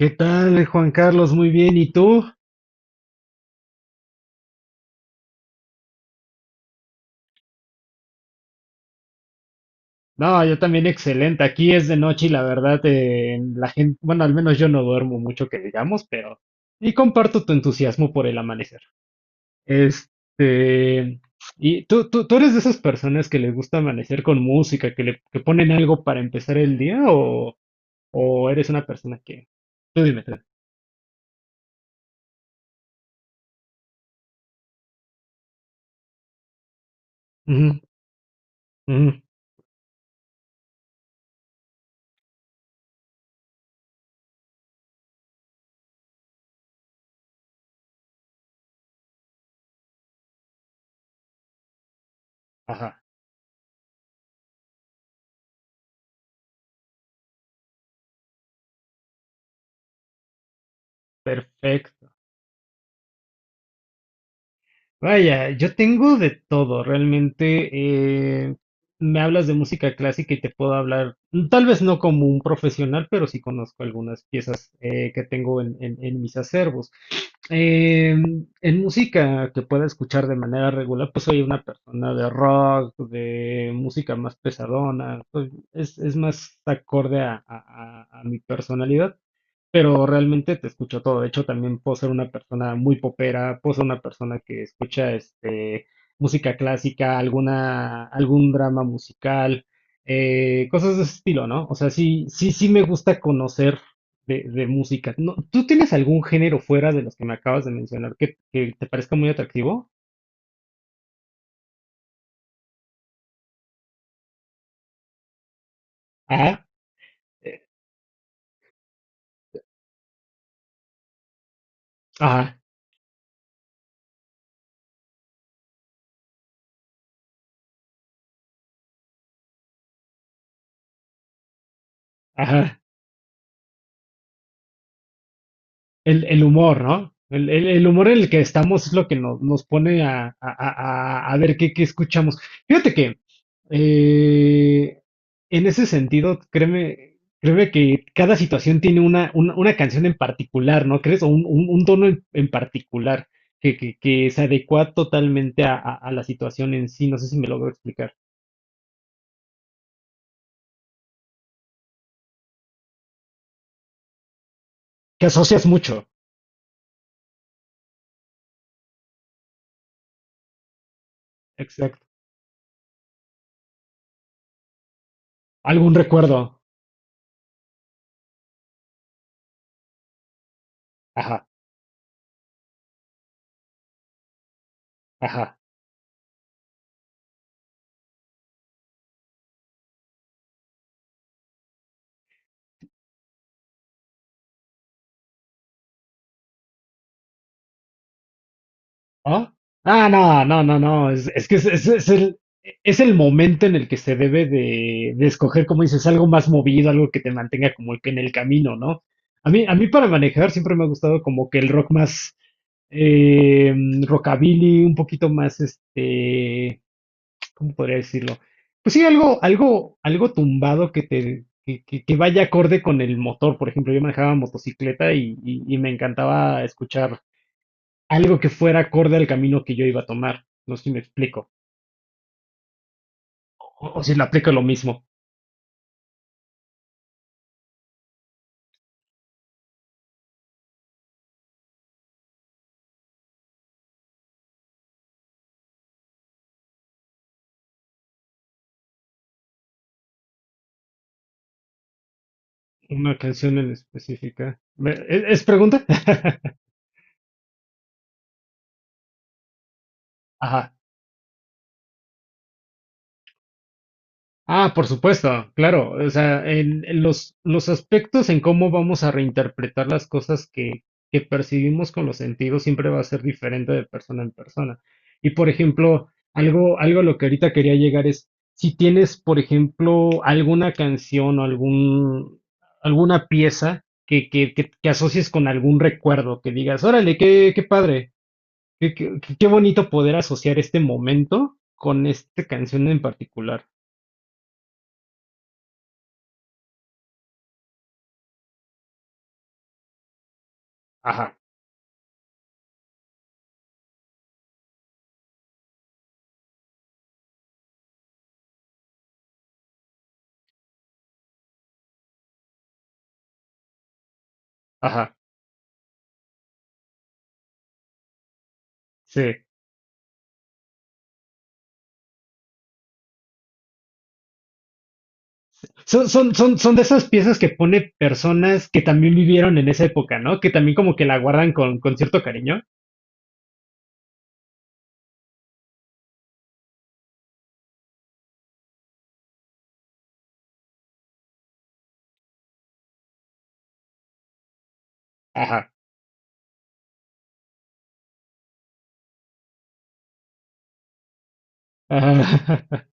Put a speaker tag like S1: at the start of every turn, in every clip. S1: ¿Qué tal, Juan Carlos? Muy bien, ¿y tú? No, yo también excelente. Aquí es de noche y la verdad, la gente, bueno, al menos yo no duermo mucho que digamos, pero y comparto tu entusiasmo por el amanecer. Este, ¿Y tú eres de esas personas que les gusta amanecer con música, que ponen algo para empezar el día, o eres una persona que...? Tú dime, tú. Ujú, ujú, ajá, perfecto. Vaya, yo tengo de todo, realmente. eh, Me hablas de música clásica y te puedo hablar, tal vez no como un profesional, pero sí conozco algunas piezas que tengo en mis acervos. Eh, en música que pueda escuchar de manera regular, pues soy una persona de rock, de música más pesadona, es más acorde a mi personalidad, pero realmente te escucho todo. De hecho, también puedo ser una persona muy popera, puedo ser una persona que escucha música clásica, algún drama musical, cosas de ese estilo, ¿no? O sea, sí, sí, sí me gusta conocer de música. No, ¿tú tienes algún género fuera de los que me acabas de mencionar que te parezca muy atractivo? Ajá, eh, ajá, ajá. El humor, ¿no? El humor en el que estamos es lo que nos pone a ver qué escuchamos. Fíjate que eh, en ese sentido, créeme que cada situación tiene una canción en particular, ¿no crees? O un tono en particular que se adecua totalmente a, a la situación en sí. No sé si me logro explicar. Que asocias mucho. Exacto. Algún recuerdo. Ajá, ajá. ¿Ah? Ah, no, no, no, no. Es que es el momento en el que se debe de escoger, como dices, algo más movido, algo que te mantenga como el pie en el camino, ¿no? A mí para manejar siempre me ha gustado como que el rock más eh, rockabilly, un poquito más, ¿cómo podría decirlo? Pues sí, algo tumbado que te, que vaya acorde con el motor. Por ejemplo, yo manejaba motocicleta y me encantaba escuchar algo que fuera acorde al camino que yo iba a tomar. No sé si me explico. O si le aplico lo mismo. Una canción en específica. ¿Es pregunta? Ajá. Ah, por supuesto, claro. O sea, en los aspectos en cómo vamos a reinterpretar las cosas que percibimos con los sentidos siempre va a ser diferente de persona en persona. Y por ejemplo, algo a lo que ahorita quería llegar es, si tienes, por ejemplo, alguna canción o alguna pieza que asocies con algún recuerdo, que digas, órale, qué padre, qué bonito poder asociar este momento con esta canción en particular. Ajá. Ajá. Sí. Son de esas piezas que pone personas que también vivieron en esa época, ¿no? Que también como que la guardan con cierto cariño. Ajá. Ajá.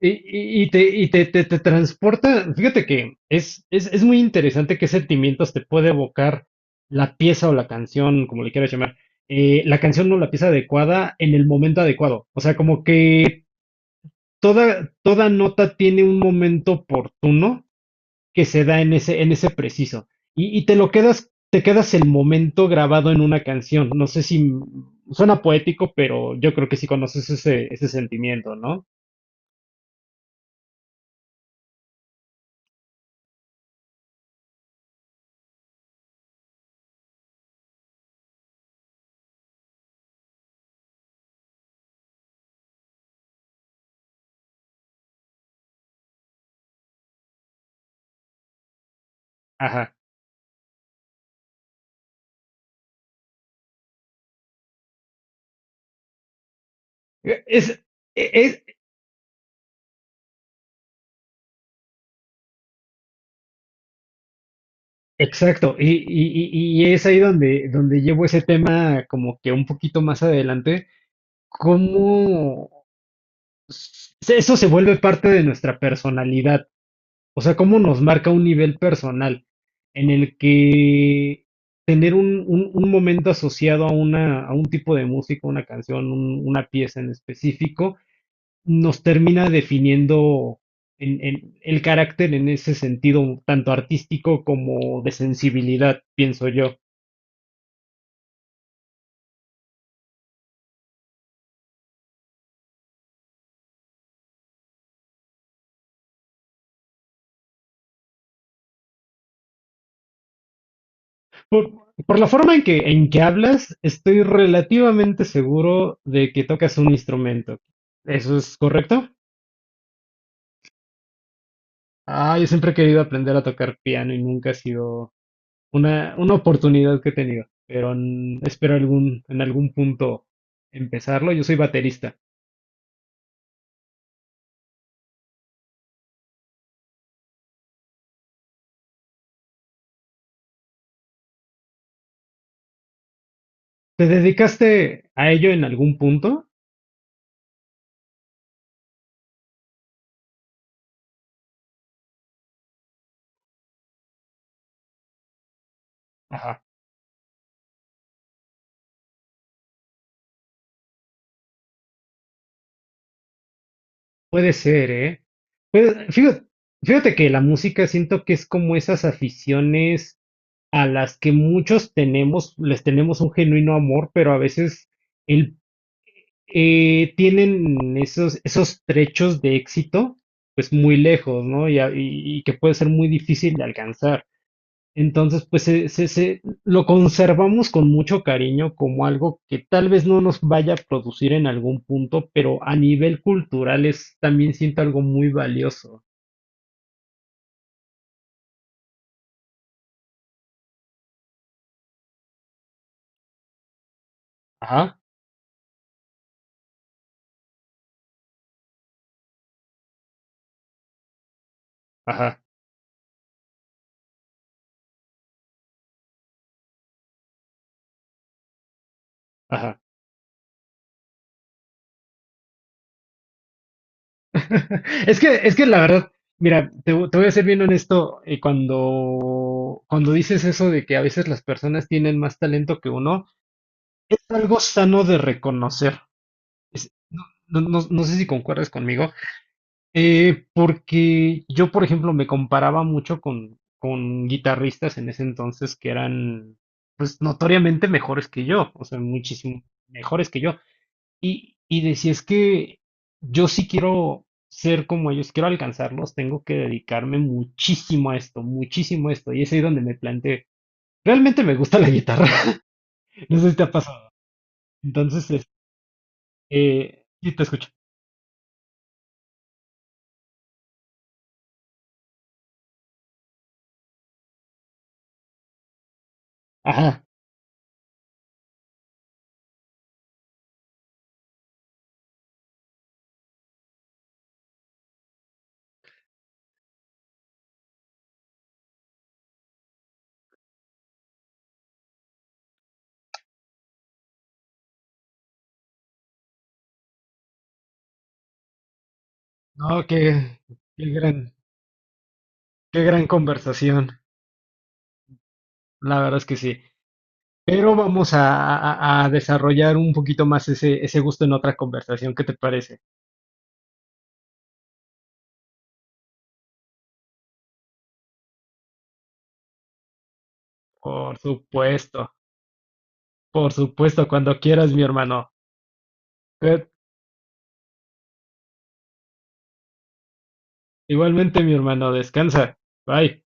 S1: Y te transporta. Fíjate que es muy interesante qué sentimientos te puede evocar la pieza o la canción, como le quieras llamar, la canción o la pieza adecuada en el momento adecuado. O sea, como que toda nota tiene un momento oportuno que se da en ese preciso. Y te lo quedas, te quedas el momento grabado en una canción. No sé si suena poético, pero yo creo que sí conoces ese sentimiento, ¿no? Ajá. E, Es, e, es, exacto, y es ahí donde llevo ese tema como que un poquito más adelante, cómo eso se vuelve parte de nuestra personalidad. O sea, cómo nos marca un nivel personal en el que tener un momento asociado a a un tipo de música, una canción, una pieza en específico, nos termina definiendo en el carácter en ese sentido, tanto artístico como de sensibilidad, pienso yo. Por, por la forma en que hablas, estoy relativamente seguro de que tocas un instrumento. ¿Eso es correcto? Ah, yo siempre he querido aprender a tocar piano y nunca ha sido una oportunidad que he tenido, pero espero en algún punto empezarlo. Yo soy baterista. ¿Te dedicaste a ello en algún punto? Ajá, puede ser, ¿eh? Pues, fíjate que la música siento que es como esas aficiones a las que muchos tenemos, les tenemos un genuino amor, pero a veces el tienen esos trechos de éxito, pues muy lejos, ¿no? Y que puede ser muy difícil de alcanzar. Entonces, pues lo conservamos con mucho cariño como algo que tal vez no nos vaya a producir en algún punto, pero a nivel cultural es también siento algo muy valioso. Ajá, ajá, ajá. Es que la verdad, mira, te voy a ser bien honesto, cuando dices eso de que a veces las personas tienen más talento que uno, algo sano de reconocer. No sé si concuerdas conmigo, porque yo, por ejemplo, me comparaba mucho con guitarristas en ese entonces que eran, pues, notoriamente mejores que yo, o sea, muchísimo mejores que yo. Y decía, es que yo sí quiero ser como ellos, quiero alcanzarlos, tengo que dedicarme muchísimo a esto, muchísimo a esto. Y es ahí donde me planteé, realmente me gusta la guitarra. No sé si te ha pasado. Entonces, sí, te escucho. Ajá, no, qué, qué gran, qué gran conversación, la verdad es que sí. Pero vamos a, a desarrollar un poquito más ese gusto en otra conversación, ¿qué te parece? Por supuesto, por supuesto, cuando quieras, mi hermano. Eh, Igualmente, mi hermano, descansa. Bye.